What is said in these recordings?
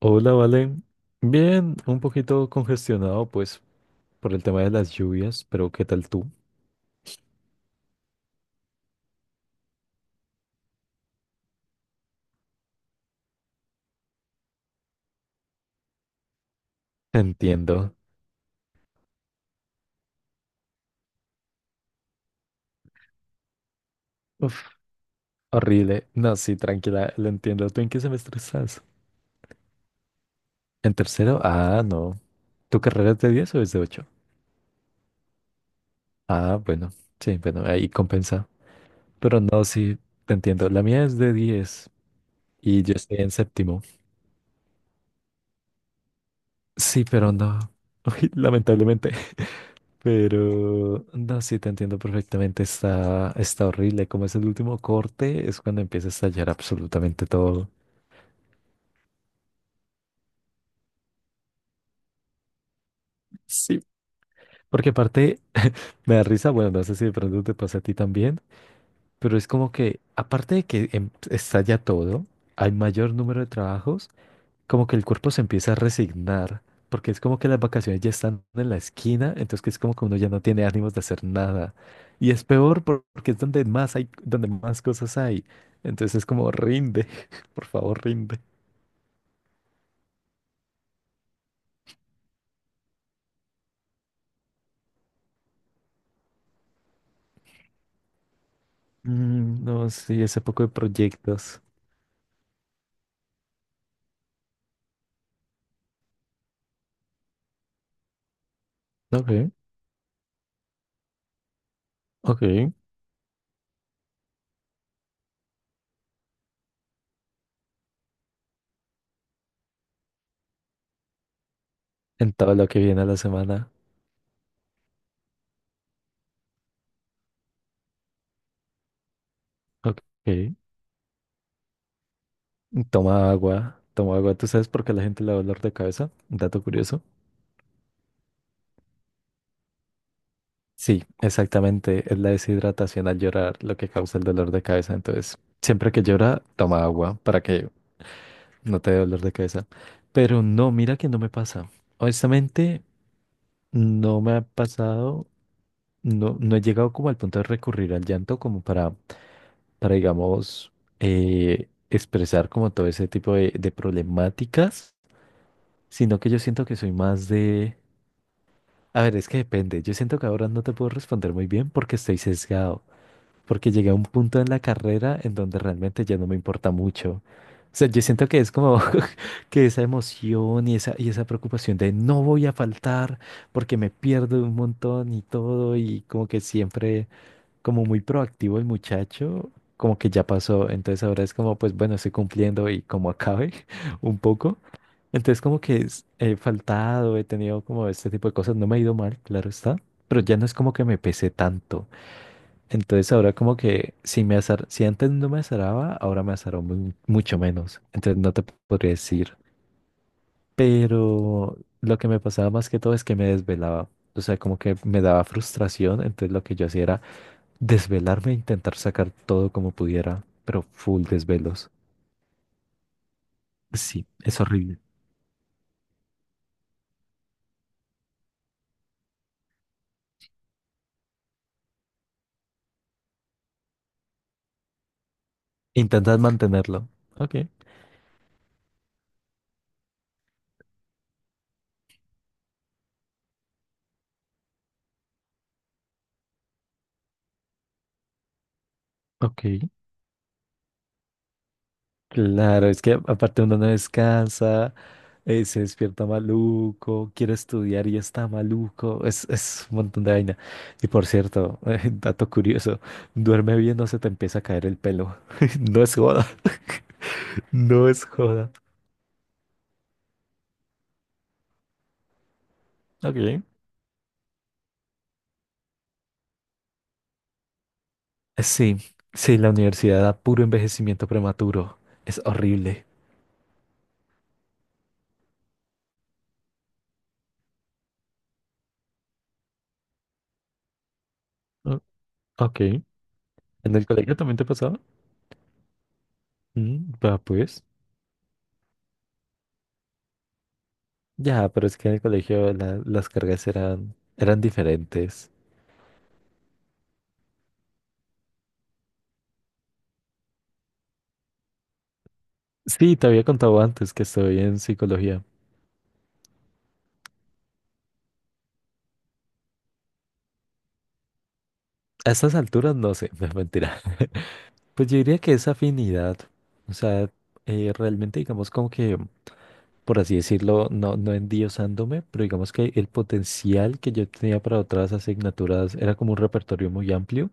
Hola, Vale. Bien, un poquito congestionado, pues, por el tema de las lluvias, pero ¿qué tal tú? Te entiendo. Uf, horrible. No, sí, tranquila, lo entiendo. ¿Tú en qué semestre estás? ¿En tercero? Ah, no. ¿Tu carrera es de 10 o es de 8? Ah, bueno. Sí, bueno, ahí compensa. Pero no, sí, te entiendo. La mía es de 10 y yo estoy en séptimo. Sí, pero no. Uy, lamentablemente. Pero no, sí te entiendo perfectamente, está horrible. Como es el último corte, es cuando empieza a estallar absolutamente todo. Sí. Porque aparte me da risa, bueno, no sé si de pronto te pasa a ti también, pero es como que aparte de que estalla todo, hay mayor número de trabajos como que el cuerpo se empieza a resignar, porque es como que las vacaciones ya están en la esquina, entonces que es como que uno ya no tiene ánimos de hacer nada. Y es peor porque es donde más hay, donde más cosas hay. Entonces es como rinde, por favor, rinde. Mm, no, sí, ese poco de proyectos. Ok, ok. En todo lo que viene a la semana. Ok. Toma agua, toma agua. ¿Tú sabes por qué a la gente le da dolor de cabeza? Dato curioso. Sí, exactamente. Es la deshidratación al llorar lo que causa el dolor de cabeza. Entonces, siempre que llora, toma agua para que no te dé dolor de cabeza. Pero no, mira que no me pasa. Honestamente, no me ha pasado, no, no he llegado como al punto de recurrir al llanto como para digamos, expresar como todo ese tipo de problemáticas, sino que yo siento que soy más de... A ver, es que depende. Yo siento que ahora no te puedo responder muy bien porque estoy sesgado. Porque llegué a un punto en la carrera en donde realmente ya no me importa mucho. O sea, yo siento que es como que esa emoción y esa preocupación de no voy a faltar porque me pierdo un montón y todo y como que siempre como muy proactivo el muchacho, como que ya pasó. Entonces ahora es como, pues bueno, estoy cumpliendo y como acabe un poco. Entonces como que he faltado, he tenido como este tipo de cosas, no me ha ido mal, claro está, pero ya no es como que me pese tanto. Entonces ahora como que si antes no me azaraba, ahora me azaró mucho menos. Entonces no te podría decir. Pero lo que me pasaba más que todo es que me desvelaba. O sea, como que me daba frustración. Entonces lo que yo hacía era desvelarme e intentar sacar todo como pudiera. Pero full desvelos. Sí, es horrible. Intentas mantenerlo. Ok. Ok. Claro, es que aparte uno no descansa, se despierta maluco, quiere estudiar y está maluco, es un montón de vaina. Y por cierto, dato curioso, duerme bien, no se te empieza a caer el pelo. No es joda, no es joda. Ok. Sí, sí, la universidad da puro envejecimiento prematuro, es horrible. Ah, ok. ¿En el colegio, también te pasaba? Mm, va, pues, ya, pero es que en el colegio las cargas eran diferentes. Sí, te había contado antes que estoy en psicología. A estas alturas no sé, me mentirá. Pues yo diría que es afinidad. O sea, realmente digamos como que, por así decirlo, no, no endiosándome, pero digamos que el potencial que yo tenía para otras asignaturas era como un repertorio muy amplio.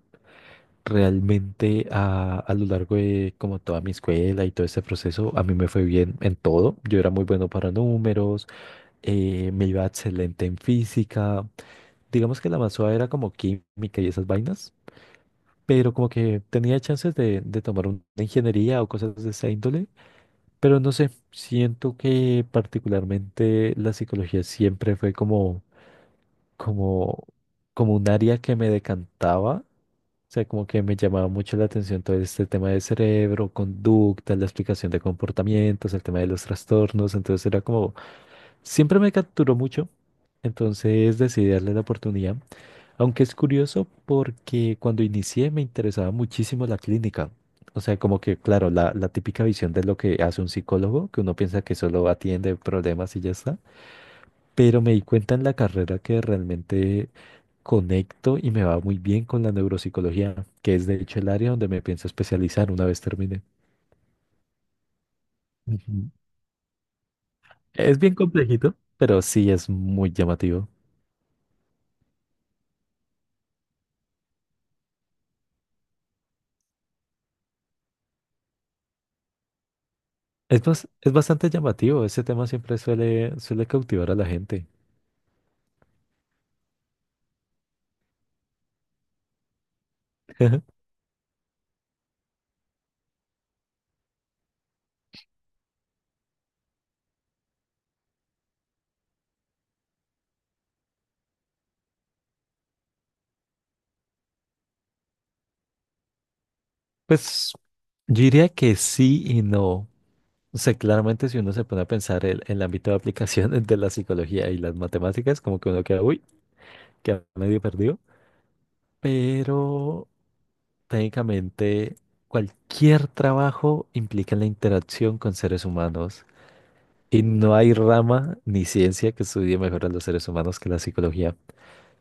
Realmente a lo largo de como toda mi escuela y todo este proceso, a mí me fue bien en todo. Yo era muy bueno para números, me iba excelente en física. Digamos que la más suave era como química y esas vainas, pero como que tenía chances de tomar una ingeniería o cosas de esa índole, pero no sé, siento que particularmente la psicología siempre fue como, como, como un área que me decantaba, o sea, como que me llamaba mucho la atención todo este tema del cerebro, conducta, la explicación de comportamientos, el tema de los trastornos, entonces era como, siempre me capturó mucho, entonces decidí darle la oportunidad. Aunque es curioso porque cuando inicié me interesaba muchísimo la clínica. O sea, como que, claro, la típica visión de lo que hace un psicólogo, que uno piensa que solo atiende problemas y ya está. Pero me di cuenta en la carrera que realmente conecto y me va muy bien con la neuropsicología, que es de hecho el área donde me pienso especializar una vez termine. Ujú. Es bien complejito, pero sí es muy llamativo. Es bastante llamativo, ese tema siempre suele, suele cautivar a la gente. Pues yo diría que sí y no. O sea, claramente si uno se pone a pensar el ámbito de aplicación de la psicología y las matemáticas, como que uno queda, uy, queda medio perdido. Pero técnicamente cualquier trabajo implica la interacción con seres humanos y no hay rama ni ciencia que estudie mejor a los seres humanos que la psicología.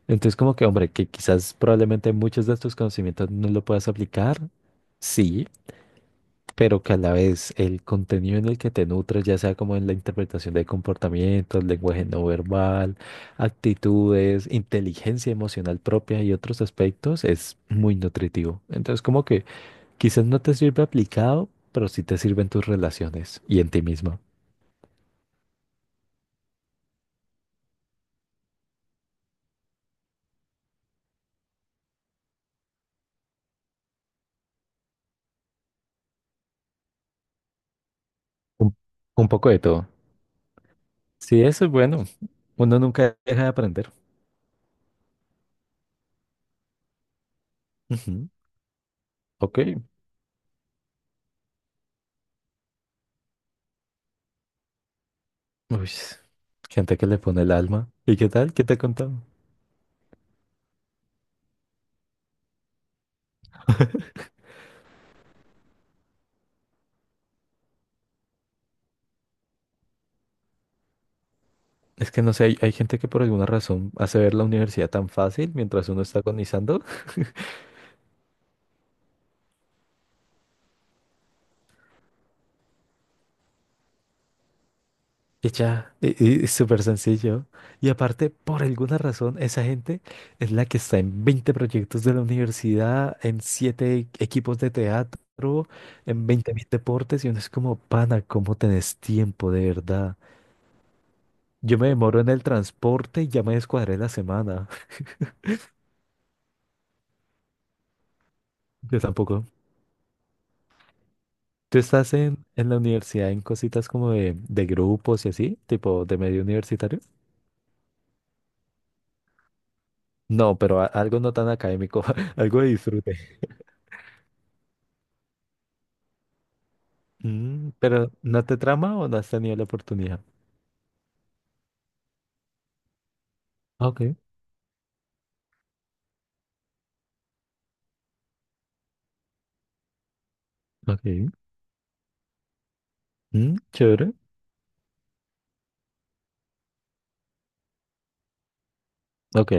Entonces, como que, hombre, que quizás probablemente muchos de estos conocimientos no lo puedas aplicar, sí. Pero que a la vez el contenido en el que te nutres, ya sea como en la interpretación de comportamientos, lenguaje no verbal, actitudes, inteligencia emocional propia y otros aspectos, es muy nutritivo. Entonces, como que quizás no te sirve aplicado, pero sí te sirve en tus relaciones y en ti mismo. Un, un poco de todo. Sí, eso es bueno. Uno nunca deja de aprender. Ujú. Ok. Uy, gente que le pone el alma. ¿Y qué tal? ¿Qué te he contado? Es que no sé, hay gente que por alguna razón hace ver la universidad tan fácil mientras uno está agonizando y ya, y es súper sencillo. Y aparte, por alguna razón, esa gente es la que está en 20 proyectos de la universidad, en 7 equipos de teatro, en 20.000 deportes y uno es como, pana, ¿cómo tenés tiempo de verdad? Yo me demoro en el transporte y ya me descuadré la semana. Yo tampoco. ¿Tú estás en la universidad en cositas como de grupos y así, tipo de medio universitario? No, pero algo no tan académico, algo de disfrute. Mm, pero ¿no te trama o no has tenido la oportunidad? Ah, ok, ok. Mm, chévere. Ok.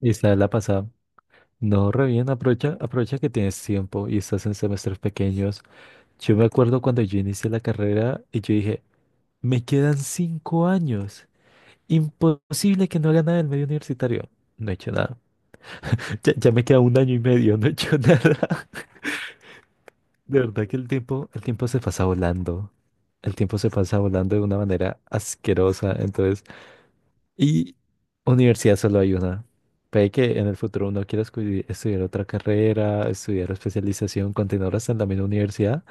Y está la pasada. No, re bien, aprovecha, aprovecha que tienes tiempo y estás en semestres pequeños. Yo me acuerdo cuando yo inicié la carrera y yo dije, me quedan 5 años. Imposible que no haga nada en medio universitario. No he hecho nada. Ya me queda un año y medio, no he hecho nada. De verdad que el tiempo se pasa volando. El tiempo se pasa volando de una manera asquerosa. Entonces, y universidad solo hay una. Puede que en el futuro uno quiera estudiar otra carrera, estudiar especialización, continuar hasta en la misma universidad,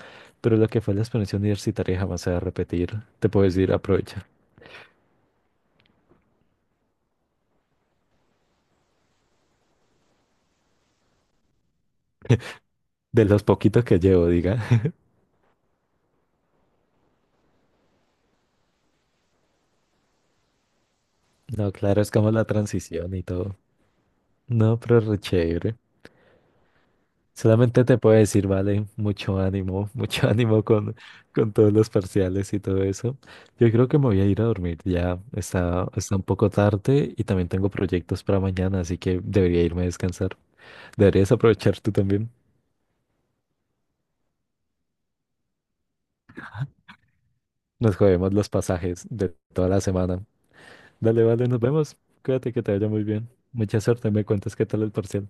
pero lo que fue la experiencia universitaria jamás se va a repetir. Te puedo decir, aprovecha. De los poquitos que llevo, diga. No, claro, es como la transición y todo. No, pero re chévere. Solamente te puedo decir, vale, mucho ánimo, mucho ánimo con todos los parciales y todo eso. Yo creo que me voy a ir a dormir, ya está, está un poco tarde y también tengo proyectos para mañana, así que debería irme a descansar. Deberías aprovechar tú también. Nos jodemos los pasajes de toda la semana. Dale, vale, nos vemos. Cuídate que te vaya muy bien. Mucha suerte, me cuentas qué tal el parcial.